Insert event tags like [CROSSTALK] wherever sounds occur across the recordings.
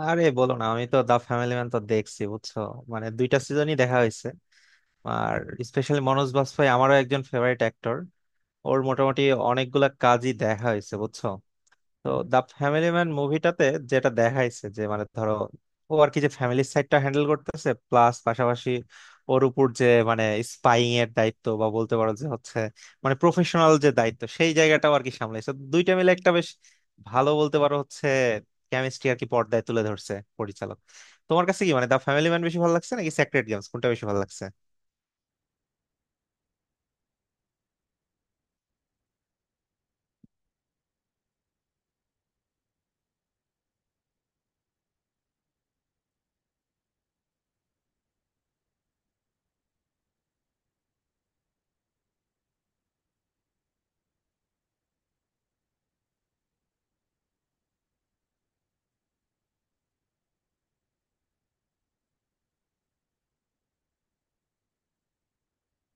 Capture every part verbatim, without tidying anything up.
আরে বলো না, আমি তো দা ফ্যামিলি ম্যান তো দেখছি বুঝছো। মানে দুইটা সিজনই দেখা হয়েছে। আর স্পেশালি মনোজ বাজপেয়ী আমারও একজন ফেভারিট অ্যাক্টর। ওর মোটামুটি অনেকগুলা কাজই দেখা হয়েছে বুঝছো। তো দা ফ্যামিলি ম্যান মুভিটাতে যেটা দেখাইছে যে মানে ধরো, ও আর কি, যে ফ্যামিলির সাইডটা হ্যান্ডেল করতেছে, প্লাস পাশাপাশি ওর উপর যে মানে স্পাইং এর দায়িত্ব, বা বলতে পারো যে হচ্ছে মানে প্রফেশনাল যে দায়িত্ব, সেই জায়গাটাও আর কি সামলাইছে। তো দুইটা মিলে একটা বেশ ভালো বলতে পারো হচ্ছে কেমিস্ট্রি আর কি পর্দায় তুলে ধরছে পরিচালক। তোমার কাছে কি মানে দা ফ্যামিলি ম্যান বেশি ভালো লাগছে নাকি সেক্রেট গেমস, কোনটা বেশি ভালো লাগছে?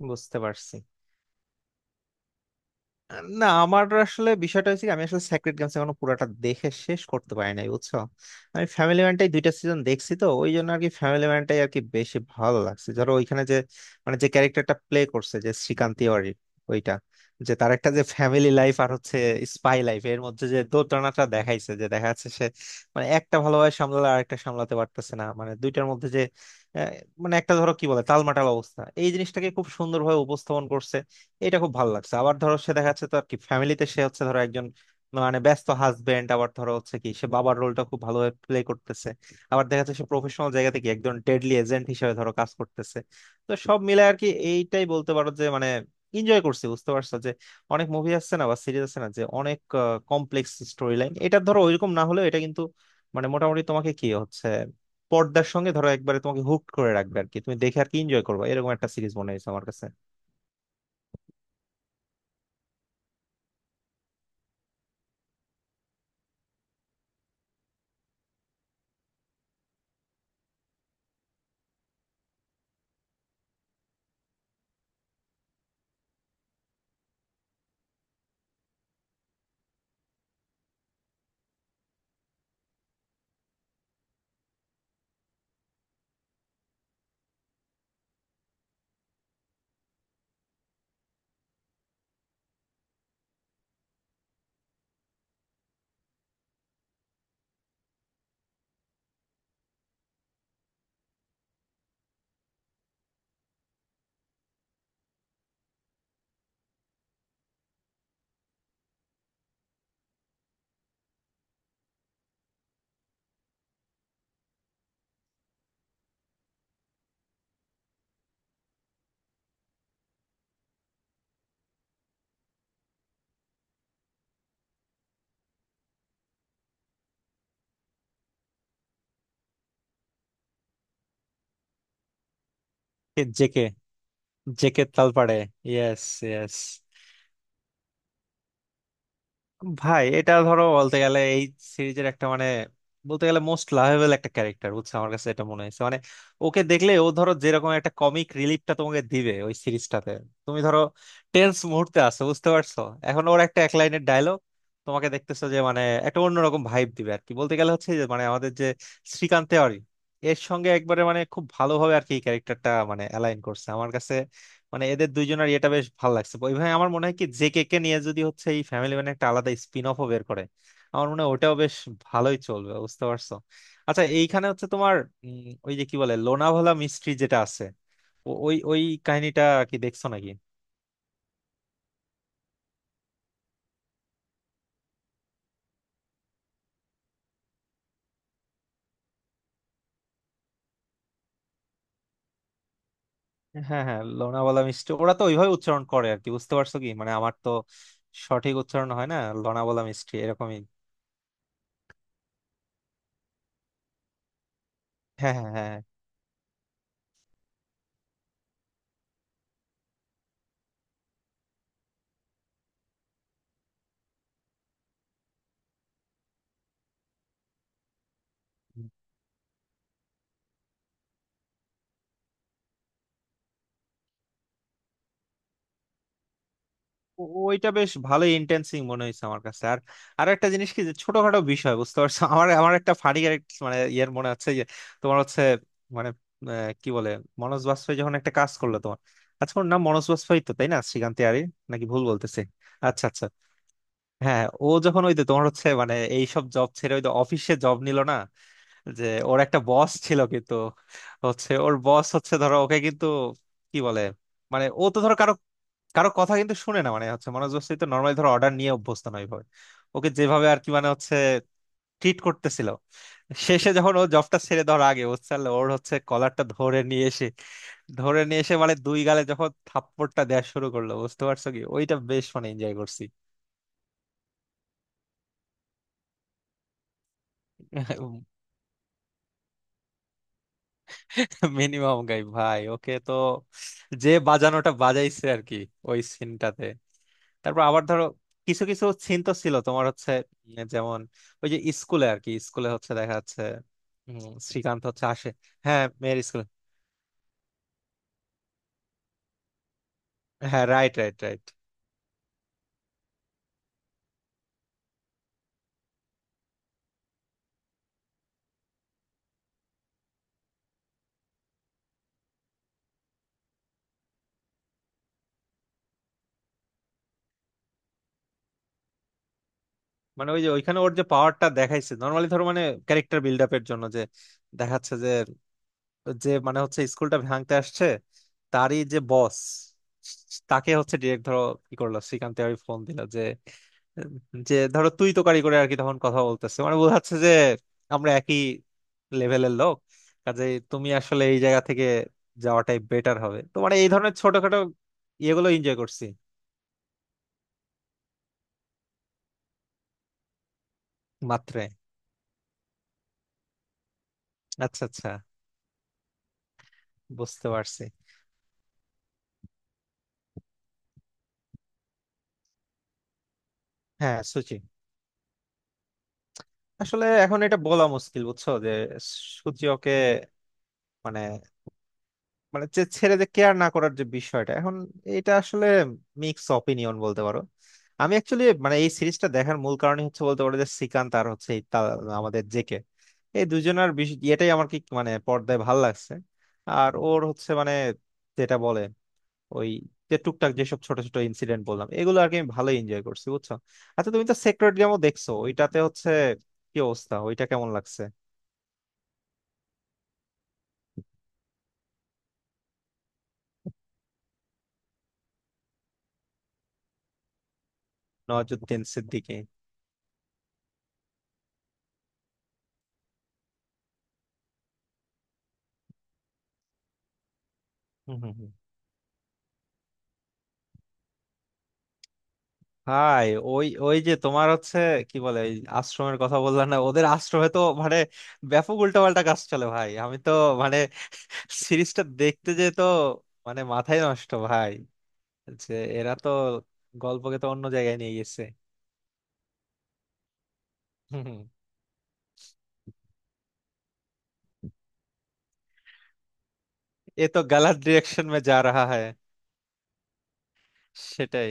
বুঝতে পারছি। না, আমার আসলে বিষয়টা হচ্ছে কি, আমি আসলে সেক্রেট গেমস এখনো পুরাটা দেখে শেষ করতে পারি নাই বুঝছো। আমি ফ্যামিলি ম্যানটাই দুইটা সিজন দেখছি, তো ওই জন্য আর কি ফ্যামিলি ম্যানটাই আর কি বেশি ভালো লাগছে। ধরো ওইখানে যে মানে যে ক্যারেক্টারটা প্লে করছে, যে শ্রীকান্ত তিওয়ারি, ওইটা, যে তার একটা যে ফ্যামিলি লাইফ আর হচ্ছে স্পাই লাইফ এর মধ্যে যে দোটানাটা দেখাইছে, যে দেখা যাচ্ছে সে মানে একটা ভালোভাবে সামলালে আরেকটা সামলাতে পারতেছে না, মানে দুইটার মধ্যে যে আহ, মানে একটা ধরো কি বলে টালমাটাল অবস্থা, এই জিনিসটাকে খুব সুন্দরভাবে উপস্থাপন করছে। এটা খুব ভালো লাগছে। আবার ধরো সে দেখা যাচ্ছে তো আর কি ফ্যামিলিতে সে হচ্ছে ধরো একজন মানে ব্যস্ত হাজবেন্ড, আবার ধরো হচ্ছে কি সে বাবার রোলটা খুব ভালোভাবে প্লে করতেছে, আবার দেখা যাচ্ছে সে প্রফেশনাল জায়গা থেকে একজন ডেডলি এজেন্ট হিসেবে ধরো কাজ করতেছে। তো সব মিলে আর কি এইটাই বলতে পারো যে মানে এনজয় করছি বুঝতে পারছো। যে অনেক মুভি আসছে না বা সিরিজ আছে না যে অনেক কমপ্লেক্স স্টোরি লাইন, এটা ধরো ওইরকম না হলেও এটা কিন্তু মানে মোটামুটি তোমাকে কি হচ্ছে পর্দার সঙ্গে ধরো একবারে তোমাকে হুক করে রাখবে আর কি, তুমি দেখে আর কি এনজয় করবে, এরকম একটা সিরিজ মনে হয়েছে আমার কাছে। জেকে। জেকে তালপাড়ে। Yes, yes. ভাই এটা ধরো বলতে গেলে এই সিরিজের একটা মানে বলতে গেলে মোস্ট লাভেবল একটা ক্যারেক্টার বুঝছো। আমার কাছে এটা মনে হয়েছে। মানে ওকে দেখলে ও ধরো যেরকম একটা কমিক রিলিফটা তোমাকে দিবে ওই সিরিজটাতে। তুমি ধরো টেন্স মুহূর্তে আছো বুঝতে পারছো, এখন ওর একটা এক লাইনের ডায়লগ তোমাকে দেখতেছো যে মানে একটা অন্যরকম ভাইব দিবে আর কি। বলতে গেলে হচ্ছে যে মানে আমাদের যে শ্রীকান্ত তেওয়ারি এর সঙ্গে একবারে মানে খুব ভালোভাবে আর কি ক্যারেক্টারটা মানে অ্যালাইন করছে আমার কাছে। মানে এদের দুইজনের এটা বেশ ভালো লাগছে ওইভাবে। আমার মনে হয় কি জেকে কে কে নিয়ে যদি হচ্ছে এই ফ্যামিলি ম্যান একটা আলাদা স্পিন অফ বের করে, আমার মনে হয় ওটাও বেশ ভালোই চলবে বুঝতে পারছো। আচ্ছা, এইখানে হচ্ছে তোমার উম, ওই যে কি বলে লোনাভালা মিস্ট্রি যেটা আছে, ও- ওই ওই কাহিনীটা কি দেখছো নাকি? হ্যাঁ হ্যাঁ, লোনাভালা মিষ্টি ওরা তো ওইভাবে উচ্চারণ করে আর কি, বুঝতে পারছো কি মানে আমার তো সঠিক উচ্চারণ হয় না, লোনাভালা মিষ্টি এরকমই। হ্যাঁ হ্যাঁ হ্যাঁ। ও- ওইটা বেশ ভালোই ইন্টেন্সিং মনে হয়েছে আমার কাছে। আর আর একটা জিনিস কি যে ছোটখাটো বিষয় বুঝতে পারছো [LAUGHS] আমার আমার একটা ফানি মানে ইয়ের মনে হচ্ছে যে তোমার হচ্ছে মানে আহ, কি বলে, মনোজ বাজপেয়ী যখন একটা কাজ করলো তোমার, আচ্ছা ওর নাম মনোজ বাজপেয়ী তো, তাই না? শ্রীকান্ত ইয়ারি নাকি, ভুল বলতেছে। আচ্ছা আচ্ছা। হ্যাঁ ও যখন ওই যে তোমার হচ্ছে মানে এইসব জব ছেড়ে ওই অফিসে জব নিল না, যে ওর একটা বস ছিল কিন্তু, হচ্ছে ওর বস হচ্ছে ধরো ওকে কিন্তু, কি বলে, মানে ও তো ধরো কারো কারো কথা কিন্তু শুনে না, মানে হচ্ছে মনোজ বস্তি তো নর্মালি ধরো অর্ডার নিয়ে অভ্যস্ত নয় ভাবে, ওকে যেভাবে আর কি মানে হচ্ছে ট্রিট করতেছিল, শেষে যখন ও জবটা ছেড়ে দেওয়ার আগে বুঝছাল, ওর হচ্ছে কলারটা ধরে নিয়ে এসে, ধরে নিয়ে এসে মানে দুই গালে যখন থাপ্পড়টা দেওয়া শুরু করলো বুঝতে পারছো কি, ওইটা বেশ মানে এনজয় করছি। মিনিমাম গাই ভাই, ওকে তো যে বাজানোটা বাজাইছে আর কি ওই সিনটাতে। তারপর আবার ধরো কিছু কিছু সিন তো ছিল তোমার হচ্ছে উম, যেমন ওই যে স্কুলে আর কি, স্কুলে হচ্ছে দেখা যাচ্ছে উম, শ্রীকান্ত হচ্ছে আসে, হ্যাঁ মেয়ের স্কুলে। হ্যাঁ রাইট রাইট রাইট। মানে ওই যে ওইখানে ওর যে পাওয়ারটা দেখাইছে, নর্মালি ধরো মানে ক্যারেক্টার বিল্ড আপের জন্য যে দেখাচ্ছে যে, যে মানে হচ্ছে স্কুলটা ভাঙতে আসছে, তারই যে বস, তাকে হচ্ছে ডিরেক্ট ধরো কি করলো শ্রীকান্তে ওই ফোন দিল যে, যে ধরো তুই তো কারি করে আর কি, তখন কথা বলতেছে মানে বোঝাচ্ছে যে আমরা একই লেভেলের লোক কাজে, তুমি আসলে এই জায়গা থেকে যাওয়াটাই বেটার হবে। তো মানে এই ধরনের ছোটখাটো ইয়েগুলো এনজয় করছি। মাত্রে, আচ্ছা আচ্ছা, বুঝতে পারছি। হ্যাঁ সুচি, আসলে এখন এটা বলা মুশকিল বুঝছো যে সুচি ওকে মানে মানে যে ছেড়ে যে কেয়ার না করার যে বিষয়টা এখন, এটা আসলে মিক্স অপিনিয়ন বলতে পারো। আমি অ্যাকচুয়ালি মানে এই সিরিজটা দেখার মূল কারণই হচ্ছে বলতে পারো যে শ্রীকান্ত আর হচ্ছে এই তা-, আমাদের জেকে, এই দুজনের বিষ- ইয়েটাই আমার কি মানে পর্দায় ভাল লাগছে। আর ওর হচ্ছে মানে যেটা বলে, ওই যে টুকটাক যেসব ছোট ছোট ইনসিডেন্ট বললাম এগুলো আর কি, আমি ভালোই এনজয় করছি বুঝছো। আচ্ছা তুমি তো সেক্রেট গেমও দেখছো, ওইটাতে হচ্ছে কি অবস্থা, ওইটা কেমন লাগছে? নওয়াজুদ্দিন সিদ্দিকী। হম হম। ভাই ওই ওই যে তোমার হচ্ছে কি বলে, ওই আশ্রমের কথা বললাম না, ওদের আশ্রমে তো মানে ব্যাপক উল্টাপাল্টা কাজ চলে ভাই। আমি তো মানে সিরিজটা দেখতে যে তো মানে মাথায় নষ্ট ভাই, যে এরা তো গল্পকে তো অন্য জায়গায় নিয়ে গেছে। হুম, হুম। এ তো গালার ডিরেকশন মে যা রাহা হ্যায়। সেটাই।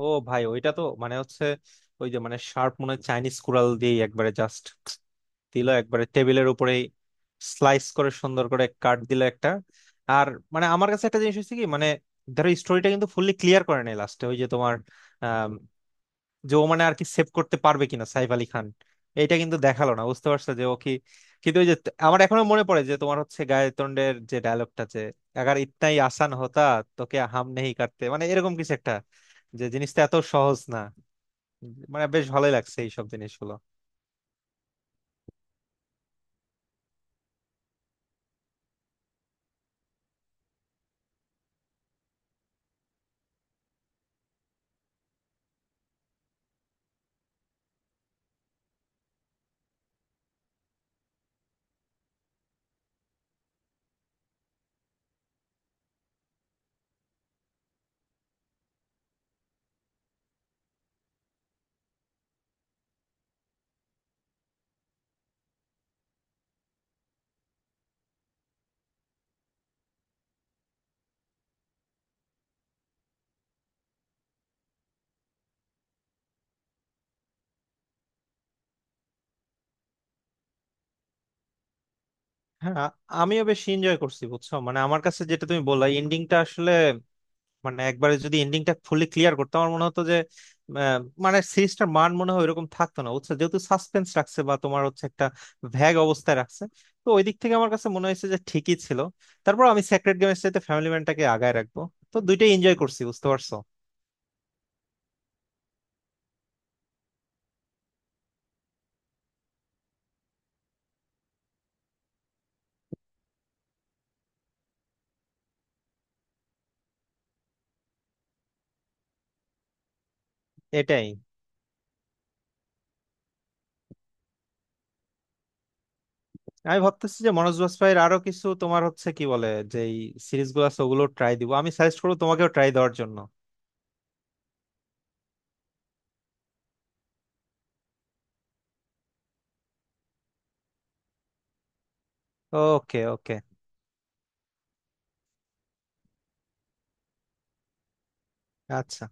ও ভাই, ওইটা তো মানে হচ্ছে ওই যে মানে শার্প মনে হয় চাইনিজ কুড়াল দিয়ে একবারে জাস্ট দিল একবারে টেবিলের উপরে, স্লাইস করে সুন্দর করে কাট দিল একটা। আর মানে আমার কাছে একটা জিনিস হচ্ছে কি, মানে ধরো স্টোরিটা কিন্তু ফুললি ক্লিয়ার করে নাই লাস্টে, ওই যে তোমার যে ও মানে আর কি সেভ করতে পারবে কিনা সাইফ আলী খান, এইটা কিন্তু দেখালো না বুঝতে পারছো যে ও কি, কিন্তু ওই যে আমার এখনো মনে পড়ে যে তোমার হচ্ছে গায়তোন্ডের যে ডায়লগটা, যে "আগার ইতনা হি আসান হতা তোকে হাম নেহি কাটতে", মানে এরকম কিছু একটা, যে জিনিসটা এত সহজ না। মানে বেশ ভালোই লাগছে এইসব জিনিসগুলো। হ্যাঁ আমিও বেশ এনজয় করছি বুঝছো। মানে আমার কাছে যেটা তুমি বললা, এন্ডিংটা আসলে মানে একবারে যদি এন্ডিংটা ফুলি ক্লিয়ার করতো, আমার মনে হতো যে আহ, মানে সিরিজটার মান মনে হয় এরকম থাকতো না বুঝছো। যেহেতু সাসপেন্স রাখছে বা তোমার হচ্ছে একটা ভ্যাগ অবস্থায় রাখছে, তো ওই দিক থেকে আমার কাছে মনে হয়েছে যে ঠিকই ছিল। তারপর আমি সেক্রেট গেমের চাইতে ফ্যামিলি ম্যানটাকে আগায় রাখবো। তো দুইটাই এনজয় করছি বুঝতে পারছো। এটাই। আমি ভাবতেছি যে মনোজ বাজপাইয়ের আরো কিছু তোমার হচ্ছে কি বলে, যে সিরিজগুলো আছে ওগুলো ট্রাই দিব, আমি সাজেস্ট করবো তোমাকেও ট্রাই দেওয়ার জন্য। ওকে ওকে, আচ্ছা।